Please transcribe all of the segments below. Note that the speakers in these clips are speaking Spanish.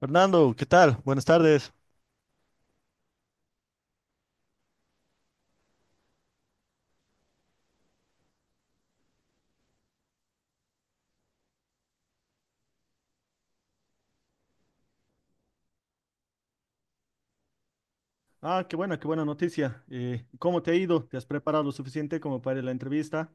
Fernando, ¿qué tal? Buenas tardes. Ah, qué buena noticia. ¿Cómo te ha ido? ¿Te has preparado lo suficiente como para la entrevista?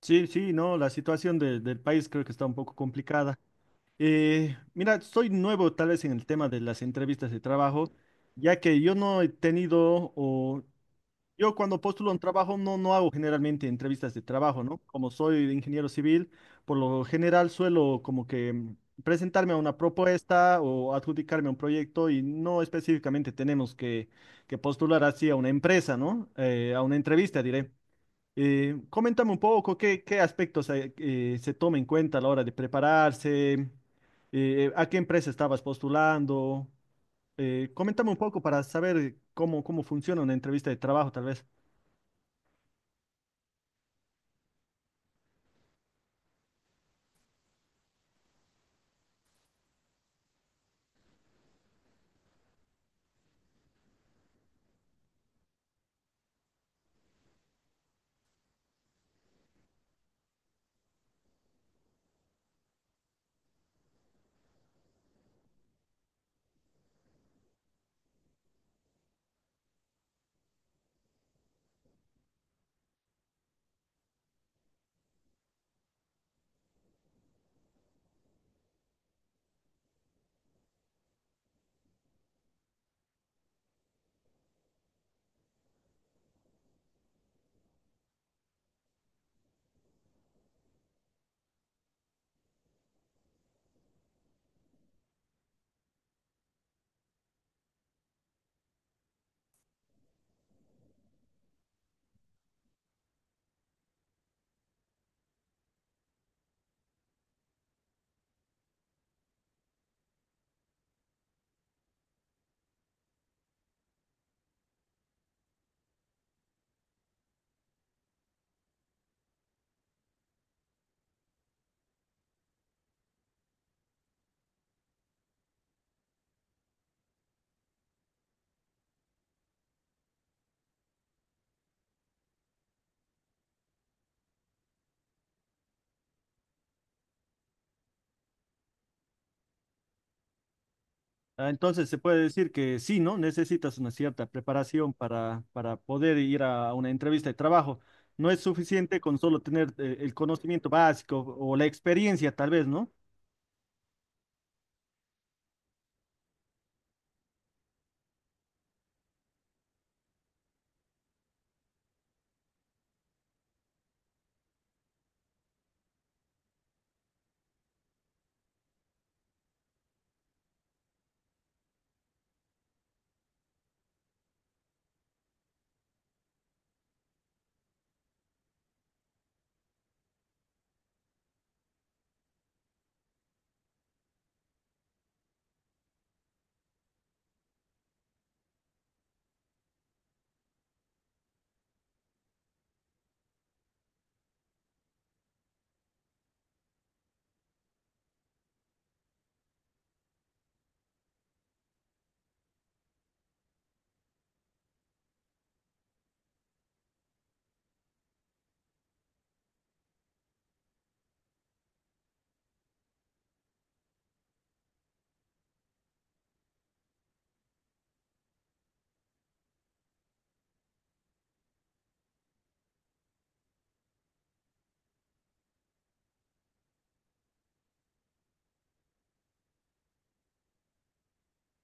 Sí, sí, no, la situación del país creo que está un poco complicada. Mira, soy nuevo tal vez en el tema de las entrevistas de trabajo, ya que yo no he tenido o yo cuando postulo un trabajo no, no hago generalmente entrevistas de trabajo, ¿no? Como soy ingeniero civil, por lo general suelo como que presentarme a una propuesta o adjudicarme a un proyecto y no específicamente tenemos que postular así a una empresa, ¿no? A una entrevista, diré. Coméntame un poco qué aspectos se toma en cuenta a la hora de prepararse, a qué empresa estabas postulando. Coméntame un poco para saber cómo funciona una entrevista de trabajo, tal vez. Ah, entonces se puede decir que sí, ¿no? Necesitas una cierta preparación para poder ir a una entrevista de trabajo. No es suficiente con solo tener el conocimiento básico o la experiencia, tal vez, ¿no?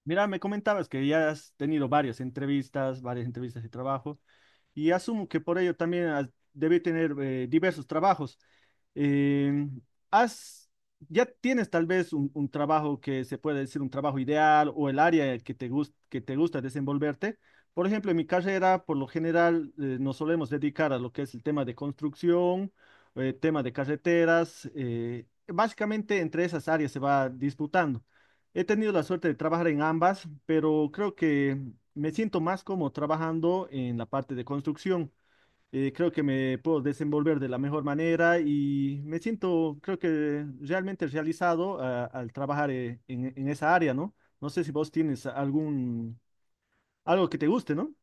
Mira, me comentabas que ya has tenido varias entrevistas de trabajo, y asumo que por ello también debe tener diversos trabajos. Em, has, ya tienes tal vez un trabajo que se puede decir un trabajo ideal o el área que te que te gusta desenvolverte. Por ejemplo, en mi carrera, por lo general, nos solemos dedicar a lo que es el tema de construcción, tema de carreteras. Básicamente entre esas áreas se va disputando. He tenido la suerte de trabajar en ambas, pero creo que me siento más como trabajando en la parte de construcción. Creo que me puedo desenvolver de la mejor manera y me siento, creo que realmente realizado ah, al trabajar en esa área, ¿no? No sé si vos tienes algo que te guste, ¿no?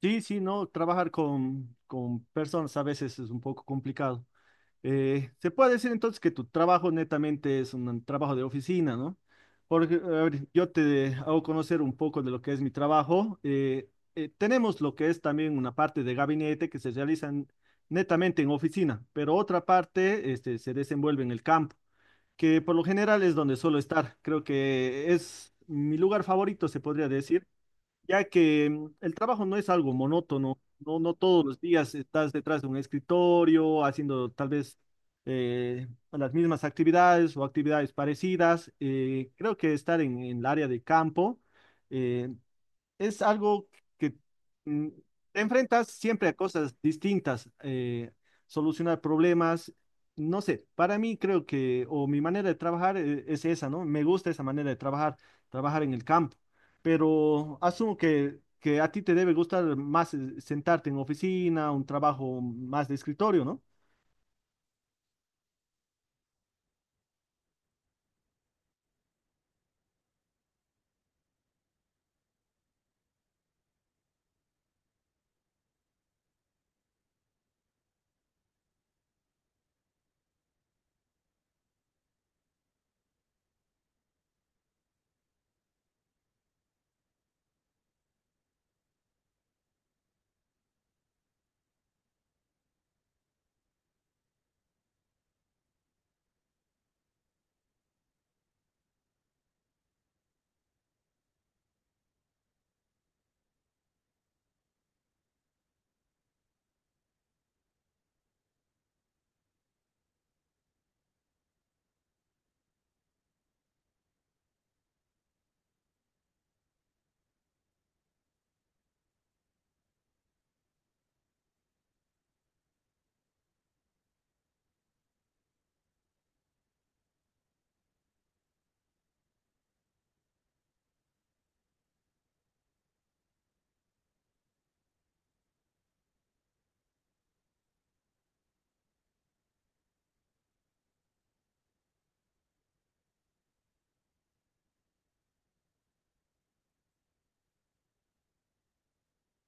Sí, sí, no, trabajar con personas a veces es un poco complicado. Se puede decir entonces que tu trabajo netamente es un trabajo de oficina, ¿no? Porque, a ver, yo te hago conocer un poco de lo que es mi trabajo. Tenemos lo que es también una parte de gabinete que se realiza netamente en oficina, pero otra parte este, se desenvuelve en el campo, que por lo general es donde suelo estar. Creo que es mi lugar favorito, se podría decir, ya que el trabajo no es algo monótono, no, no todos los días estás detrás de un escritorio haciendo tal vez eh, las mismas actividades o actividades parecidas. Creo que estar en el área de campo, eh, es algo que mm, te enfrentas siempre a cosas distintas, solucionar problemas, no sé, para mí creo que, o mi manera de trabajar es esa, ¿no? Me gusta esa manera de trabajar, trabajar en el campo, pero asumo que a ti te debe gustar más sentarte en oficina, un trabajo más de escritorio, ¿no?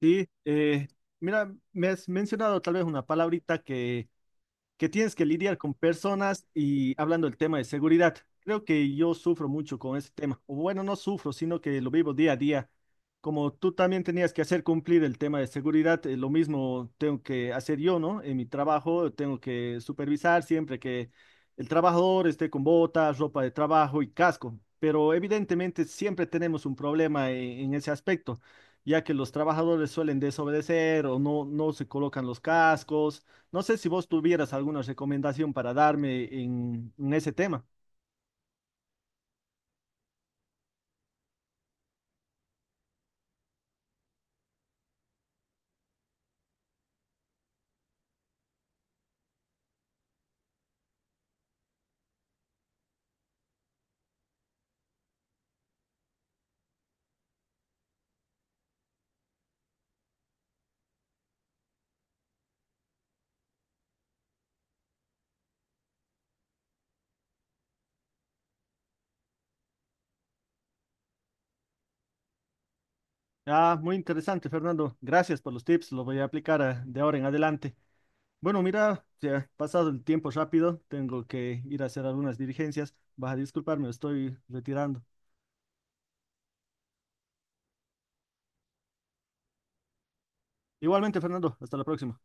Sí, mira, me has mencionado tal vez una palabrita que tienes que lidiar con personas y hablando del tema de seguridad. Creo que yo sufro mucho con ese tema. O bueno, no sufro, sino que lo vivo día a día. Como tú también tenías que hacer cumplir el tema de seguridad, lo mismo tengo que hacer yo, ¿no? En mi trabajo tengo que supervisar siempre que el trabajador esté con botas, ropa de trabajo y casco. Pero evidentemente siempre tenemos un problema en ese aspecto, ya que los trabajadores suelen desobedecer o no, no se colocan los cascos. No sé si vos tuvieras alguna recomendación para darme en ese tema. Ah, muy interesante, Fernando. Gracias por los tips. Los voy a aplicar ah, de ahora en adelante. Bueno, mira, se ha pasado el tiempo rápido. Tengo que ir a hacer algunas diligencias. Vas a disculparme, estoy retirando. Igualmente, Fernando. Hasta la próxima.